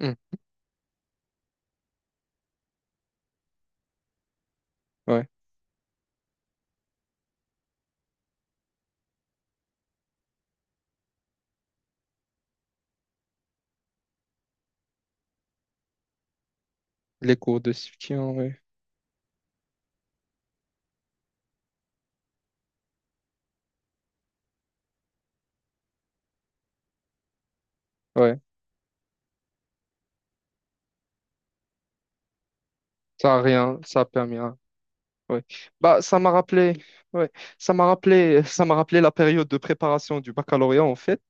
Hmm, ouais, les cours de soutien, ouais, ouais, ça a rien, ça a permis, hein, ouais. Bah, ça m'a rappelé, ouais, ça m'a rappelé, ça m'a rappelé la période de préparation du baccalauréat en fait.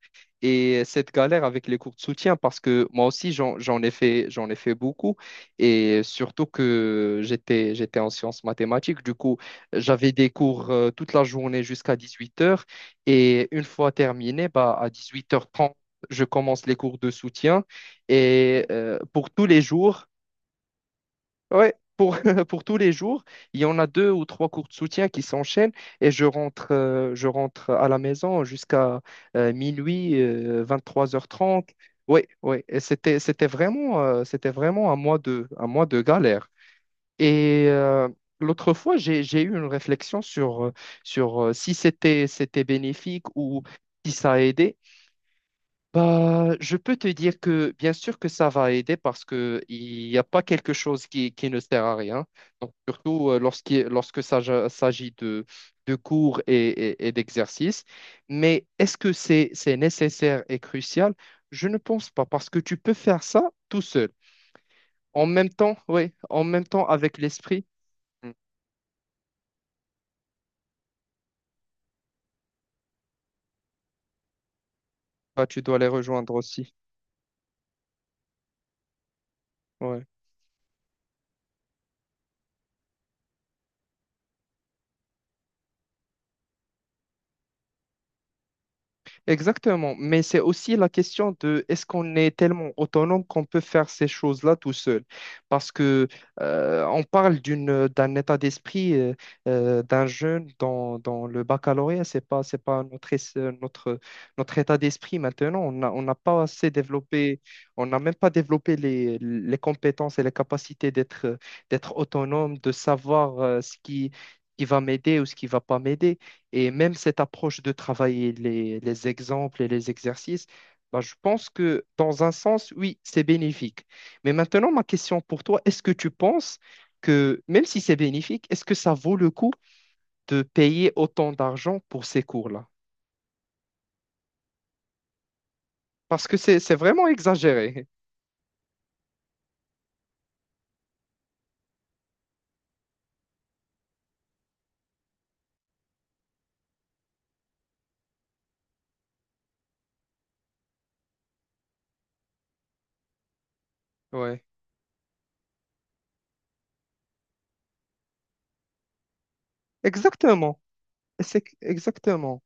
Et cette galère avec les cours de soutien, parce que moi aussi, j'en ai fait, j'en ai fait beaucoup. Et surtout que j'étais en sciences mathématiques. Du coup, j'avais des cours toute la journée jusqu'à 18 heures. Et une fois terminé, bah, à 18h30, je commence les cours de soutien. Et pour tous les jours. Ouais, pour, pour tous les jours, il y en a deux ou trois cours de soutien qui s'enchaînent et je rentre à la maison jusqu'à minuit, 3h30. Ouais, ouais, et c'était vraiment, c'était vraiment un mois de galère. Et l'autre fois, j'ai eu une réflexion sur, sur si c'était bénéfique ou si ça a aidé. Bah, je peux te dire que bien sûr que ça va aider parce que il n'y a pas quelque chose qui ne sert à rien. Donc, surtout lorsqu'il s'agit de cours et, et d'exercices. Mais est-ce que c'est nécessaire et crucial? Je ne pense pas parce que tu peux faire ça tout seul. En même temps, oui, en même temps avec l'esprit. Mm. Bah, tu dois les rejoindre aussi. Ouais. Exactement, mais c'est aussi la question de est-ce qu'on est tellement autonome qu'on peut faire ces choses-là tout seul? Parce que on parle d'un état d'esprit d'un jeune dans le baccalauréat, c'est pas notre notre état d'esprit maintenant. On n'a pas assez développé, on n'a même pas développé les compétences et les capacités d'être autonome, de savoir ce qui va m'aider ou ce qui va pas m'aider. Et même cette approche de travailler les exemples et les exercices, bah, je pense que dans un sens, oui, c'est bénéfique. Mais maintenant, ma question pour toi, est-ce que tu penses que, même si c'est bénéfique, est-ce que ça vaut le coup de payer autant d'argent pour ces cours-là? Parce que c'est vraiment exagéré. Ouais. Exactement. C'est exactement.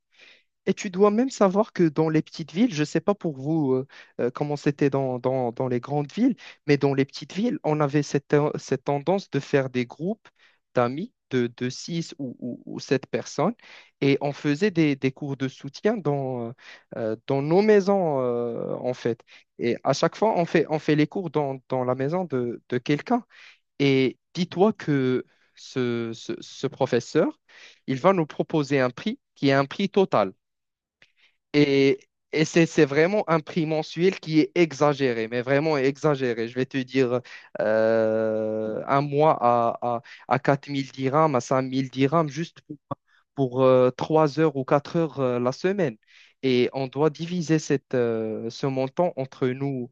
Et tu dois même savoir que dans les petites villes, je ne sais pas pour vous, comment c'était dans les grandes villes, mais dans les petites villes, on avait cette tendance de faire des groupes d'amis de 6 ou 7 personnes et on faisait des cours de soutien dans nos maisons en fait. Et à chaque fois, on fait les cours dans la maison de quelqu'un. Et dis-toi que ce professeur, il va nous proposer un prix qui est un prix total. Et, et c'est vraiment un prix mensuel qui est exagéré, mais vraiment exagéré. Je vais te dire un mois à 4 000 dirhams, à 5 000 dirhams, juste pour, 3 heures ou 4 heures la semaine. Et on doit diviser ce montant entre nous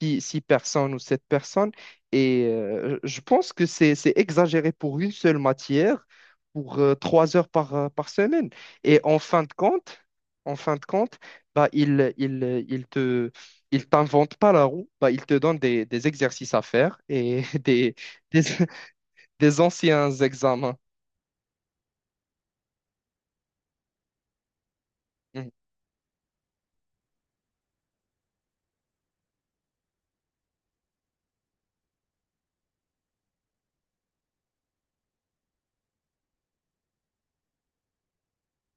six personnes ou sept personnes. Et je pense que c'est exagéré pour une seule matière, pour 3 heures par semaine. Et en fin de compte, bah, il t'invente pas la roue, bah, il te donne des exercices à faire et des, des anciens examens. Mhm.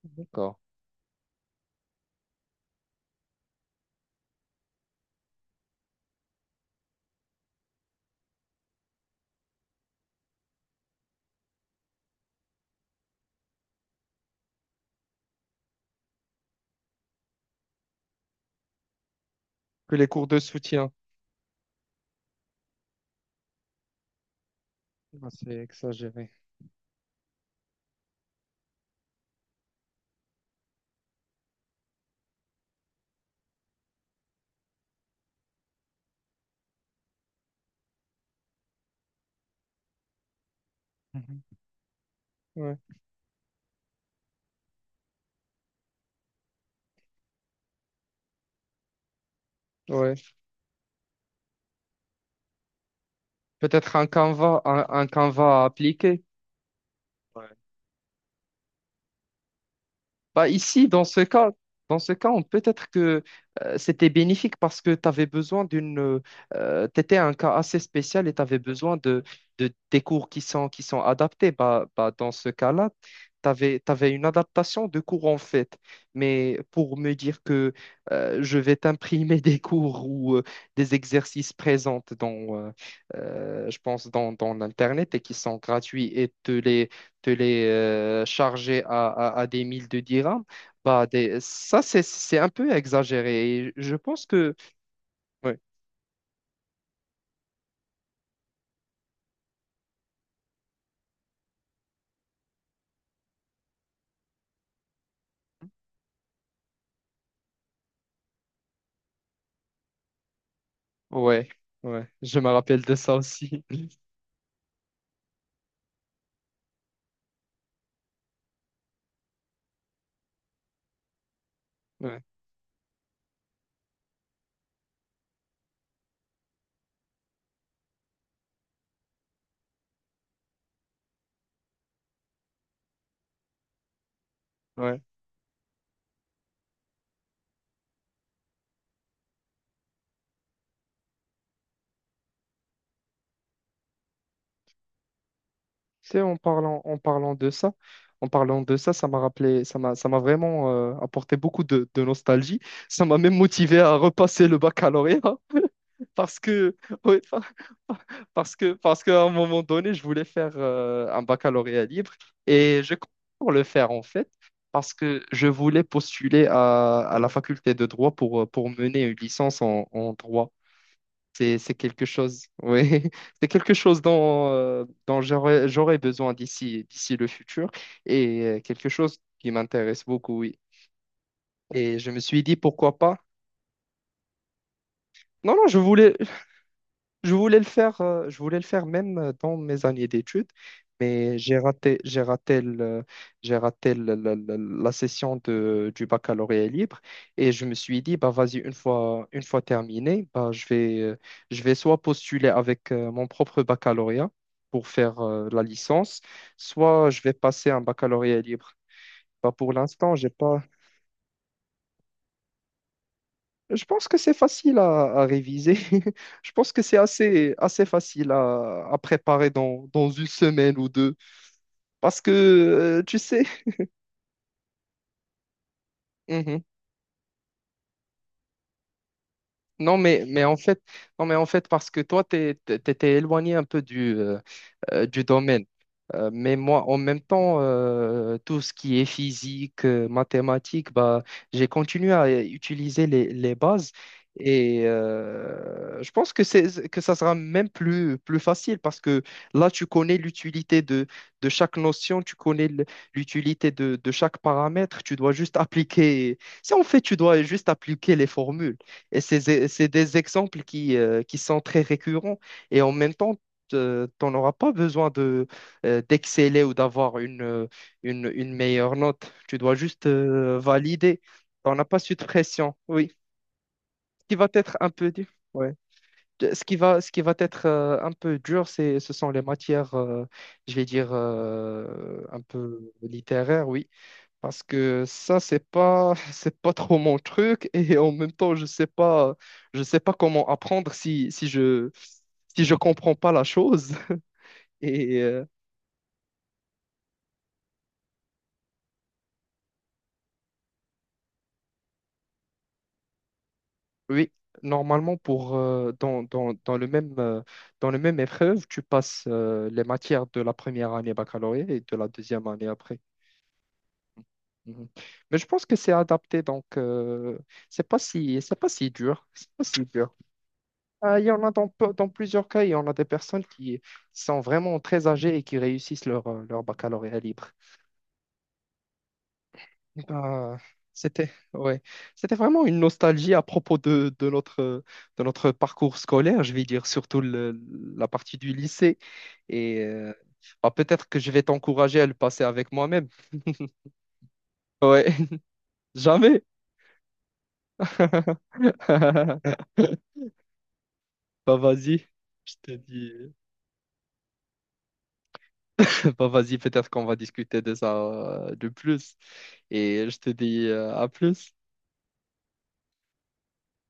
D'accord. Que les cours de soutien. Ah, c'est exagéré. Mhm. Ouais. Ouais. Peut-être un Canva, un Canva à appliquer. Bah ici, dans ce cas, peut-être que c'était bénéfique parce que tu avais besoin d'une, tu étais un cas assez spécial et tu avais besoin des cours qui sont adaptés. Bah, dans ce cas-là, tu avais une adaptation de cours en fait. Mais pour me dire que je vais t'imprimer des cours ou des exercices présents dans, je pense, dans l'Internet et qui sont gratuits et te les charger à des mille de dirhams, bah, ça, c'est un peu exagéré. Et je pense que... Ouais, ouais, ouais, je me rappelle de ça aussi. Ouais, ouais. Tu sais, en parlant de ça, ça m'a rappelé, ça m'a vraiment apporté beaucoup de nostalgie. Ça m'a même motivé à repasser le baccalauréat. Parce que, ouais, par- parce qu'à un moment donné, je voulais faire un baccalauréat libre et je compte pour le faire en fait, parce que je voulais postuler à la faculté de droit pour mener une licence en droit. C'est quelque chose, oui, c'est quelque chose dont j'aurais besoin d'ici le futur et quelque chose qui m'intéresse beaucoup, oui. Et je me suis dit pourquoi pas. Non, non, je voulais le faire, même dans mes années d'études, mais j'ai raté la session du baccalauréat libre et je me suis dit, bah vas-y, une fois terminé, bah, je vais soit postuler avec mon propre baccalauréat pour faire la licence, soit je vais passer un baccalauréat libre. Bah, pour l'instant, j'ai pas. Je pense que c'est facile à réviser. Je pense que c'est assez facile à préparer dans une semaine ou deux. Parce que, tu sais. Mhm. Non, mais en fait, non, mais en fait, parce que toi, tu étais éloigné un peu du domaine. Mais moi, en même temps, tout ce qui est physique, mathématiques, bah, j'ai continué à utiliser les bases. Et je pense que que ça sera même plus facile parce que là, tu connais l'utilité de chaque notion, tu connais l'utilité de chaque paramètre, tu dois juste appliquer. Si en fait, tu dois juste appliquer les formules. Et c'est des exemples qui sont très récurrents. Et en même temps, t'en auras pas besoin de d'exceller ou d'avoir une meilleure note. Tu dois juste valider. On n'a pas cette pression, oui. Ce qui va être un peu dur, ouais. Ce qui va être un peu dur, ce sont les matières, je vais dire, un peu littéraires, oui. Parce que ça, c'est pas, c'est pas trop mon truc. Et en même temps, je sais pas comment apprendre si je comprends pas la chose. Et oui, normalement pour dans le même, dans le même épreuve, tu passes les matières de la première année baccalauréat et de la deuxième année après. Mhm. Mais je pense que c'est adapté, donc c'est pas si dur, c'est pas si dur. Il y en a dans plusieurs cas, il y en a des personnes qui sont vraiment très âgées et qui réussissent leur leur baccalauréat libre. Ah, c'était ouais, c'était vraiment une nostalgie à propos de notre parcours scolaire, je vais dire surtout la partie du lycée et bah, peut-être que je vais t'encourager à le passer avec moi-même. Ouais, jamais. Bah vas-y, je te dis. Bah vas-y, peut-être qu'on va discuter de ça de plus et je te dis à plus.